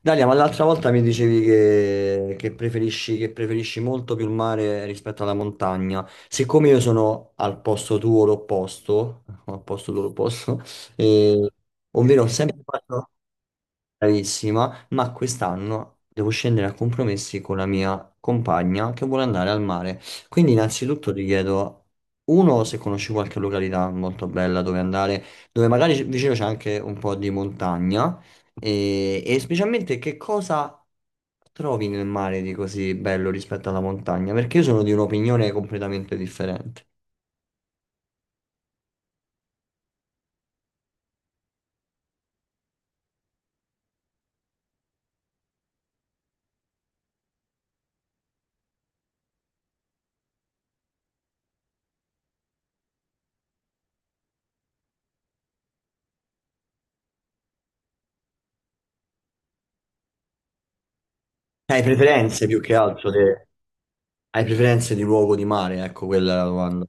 Dalia, ma l'altra volta mi dicevi che preferisci, che preferisci molto più il mare rispetto alla montagna. Siccome io sono al posto tuo l'opposto, al posto tuo l'opposto, eh, ovvero ho sempre fatto, bravissima, ma quest'anno devo scendere a compromessi con la mia compagna che vuole andare al mare. Quindi innanzitutto ti chiedo, uno, se conosci qualche località molto bella dove andare, dove magari vicino c'è anche un po' di montagna, e specialmente che cosa trovi nel mare di così bello rispetto alla montagna? Perché io sono di un'opinione completamente differente. Hai preferenze più che altro, hai preferenze di luogo di mare, ecco quella è la domanda.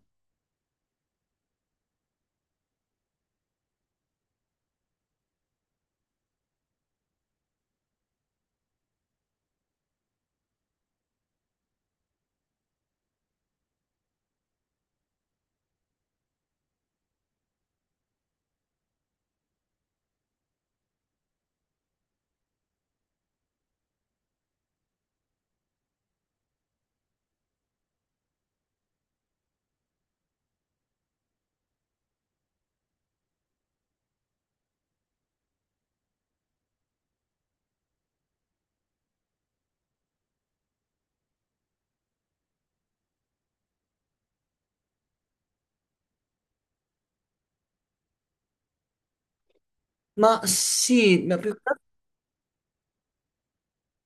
Ma sì, ma più che altro.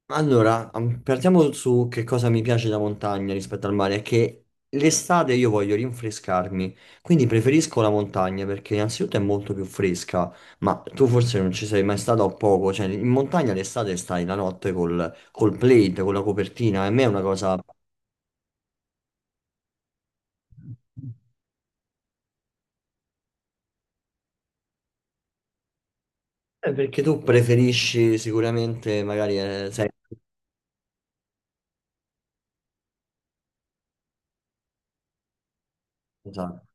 Allora, partiamo su che cosa mi piace la montagna rispetto al mare, è che l'estate io voglio rinfrescarmi, quindi preferisco la montagna perché innanzitutto è molto più fresca, ma tu forse non ci sei mai stato o poco, cioè in montagna l'estate stai la notte col plaid, con la copertina, e a me è una cosa... perché tu preferisci sicuramente magari... sei... Esatto.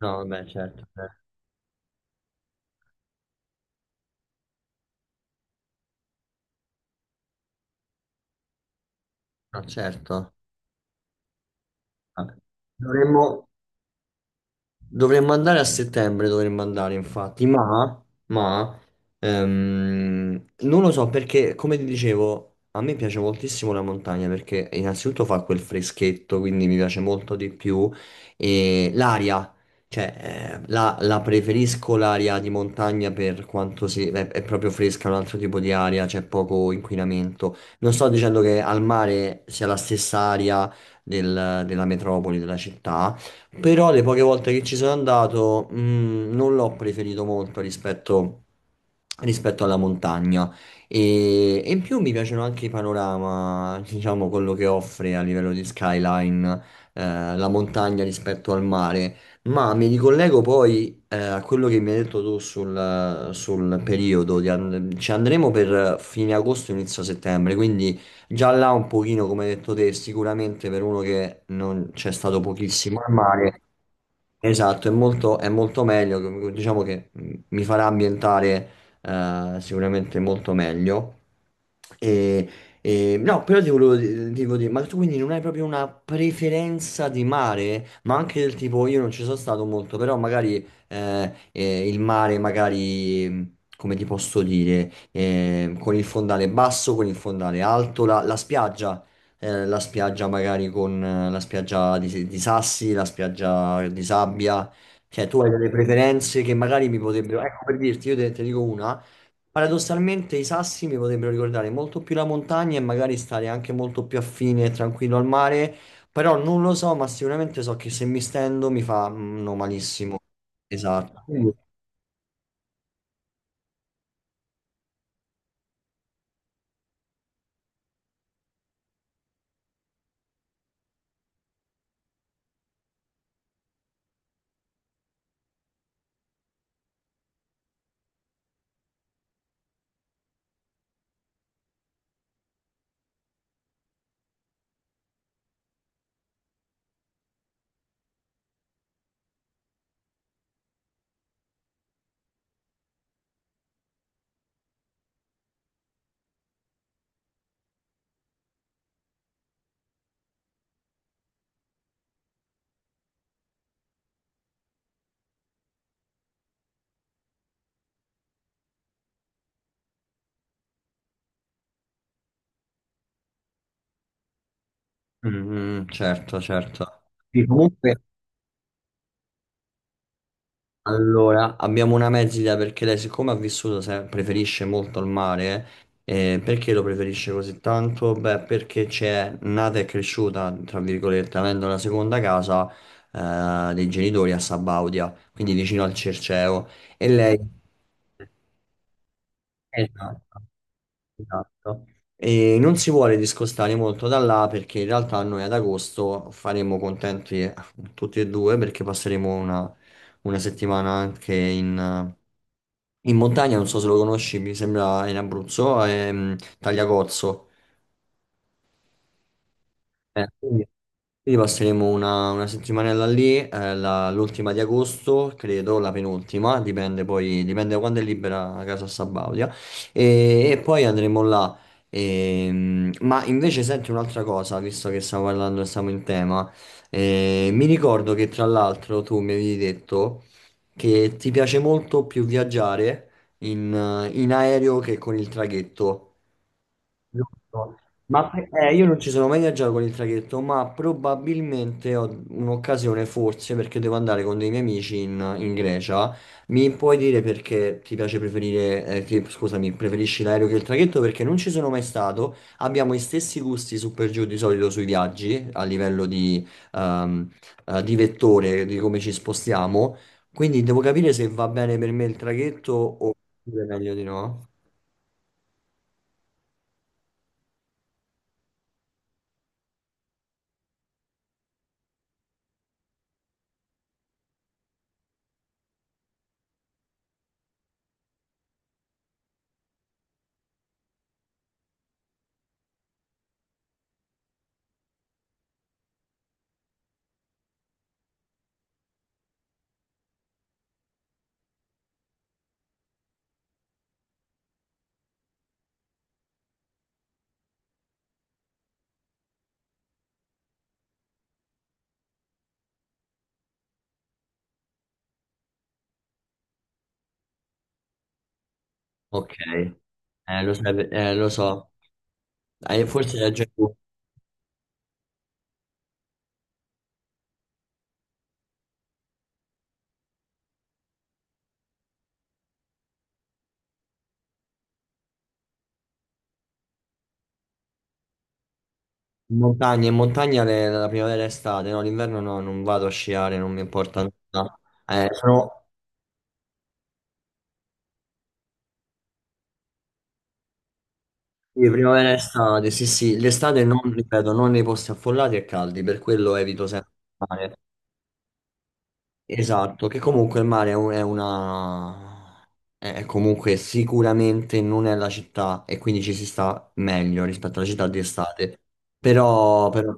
No, vabbè, certo, eh. No, certo. Vabbè. Dovremmo... Dovremmo andare a settembre, dovremmo andare infatti, ma, non lo so perché, come ti dicevo, a me piace moltissimo la montagna perché innanzitutto fa quel freschetto, quindi mi piace molto di più e l'aria, cioè la, la preferisco l'aria di montagna per quanto si, è proprio fresca, un altro tipo di aria, c'è poco inquinamento. Non sto dicendo che al mare sia la stessa aria della metropoli, della città. Però le poche volte che ci sono andato, non l'ho preferito molto rispetto, rispetto alla montagna. E in più mi piacciono anche i panorama, diciamo quello che offre a livello di skyline, eh, la montagna rispetto al mare. Ma mi ricollego poi, a quello che mi hai detto tu sul, sul periodo. Ci andremo per fine agosto, inizio settembre, quindi. Già là un pochino, come hai detto te, sicuramente per uno che non c'è stato pochissimo al mare. Esatto, è molto meglio, diciamo che mi farà ambientare sicuramente molto meglio. E, no, però ti volevo dire, ma tu quindi non hai proprio una preferenza di mare, ma anche del tipo, io non ci sono stato molto, però magari il mare, magari, come ti posso dire, con il fondale basso, con il fondale alto, la, la spiaggia magari con la spiaggia di sassi, la spiaggia di sabbia, cioè tu hai delle preferenze che magari mi potrebbero, ecco per dirti, io te dico una, paradossalmente i sassi mi potrebbero ricordare molto più la montagna e magari stare anche molto più affine e tranquillo al mare, però non lo so, ma sicuramente so che se mi stendo mi fa mm, no, malissimo. Esatto. Mm, mm, certo, certo. Sì, comunque. Allora, abbiamo una mezz'idea perché lei, siccome ha vissuto, preferisce molto il mare. Eh, perché lo preferisce così tanto? Beh, perché c'è nata e cresciuta, tra virgolette, avendo la seconda casa, dei genitori a Sabaudia, quindi vicino al Cerceo. E lei. Esatto. Esatto. E non si vuole discostare molto da là perché in realtà noi ad agosto faremo contenti tutti e due perché passeremo una settimana anche in, in montagna, non so se lo conosci, mi sembra in Abruzzo, Tagliacozzo. Quindi, quindi passeremo una settimanella lì, l'ultima di agosto, credo, la penultima, dipende poi, dipende da quando è libera la casa a Sabaudia, e poi andremo là. Ma invece senti un'altra cosa, visto che stiamo parlando, siamo in tema, eh, mi ricordo che tra l'altro tu mi avevi detto che ti piace molto più viaggiare in aereo che con il traghetto. Giusto. Io non ci sono mai viaggiato con il traghetto, ma probabilmente ho un'occasione, forse, perché devo andare con dei miei amici in, in Grecia. Mi puoi dire perché ti piace preferire, scusami, preferisci l'aereo che il traghetto? Perché non ci sono mai stato. Abbiamo gli stessi gusti su per giù di solito sui viaggi, a livello ehm, di vettore, di come ci spostiamo. Quindi devo capire se va bene per me il traghetto o meglio di no. Ok, lo so, eh, forse hai ragione tu. In montagna la primavera e estate, no, l'inverno no, non vado a sciare, non mi importa nulla. Sono sì, primavera e estate, sì sì, l'estate non, ripeto, non nei posti affollati e caldi, per quello evito sempre il mare. Esatto, che comunque il mare è è una... è comunque sicuramente non è la città e quindi ci si sta meglio rispetto alla città di estate. Però, però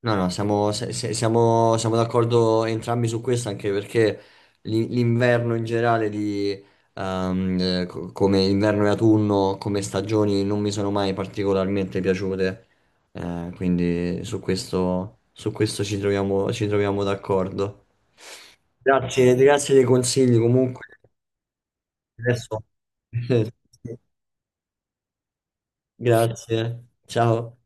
no, no, siamo, siamo d'accordo entrambi su questo, anche perché l'inverno in generale, di, come inverno e autunno, come stagioni, non mi sono mai particolarmente piaciute. Quindi su questo ci troviamo d'accordo. Grazie, grazie dei consigli comunque. Adesso... Grazie, ciao.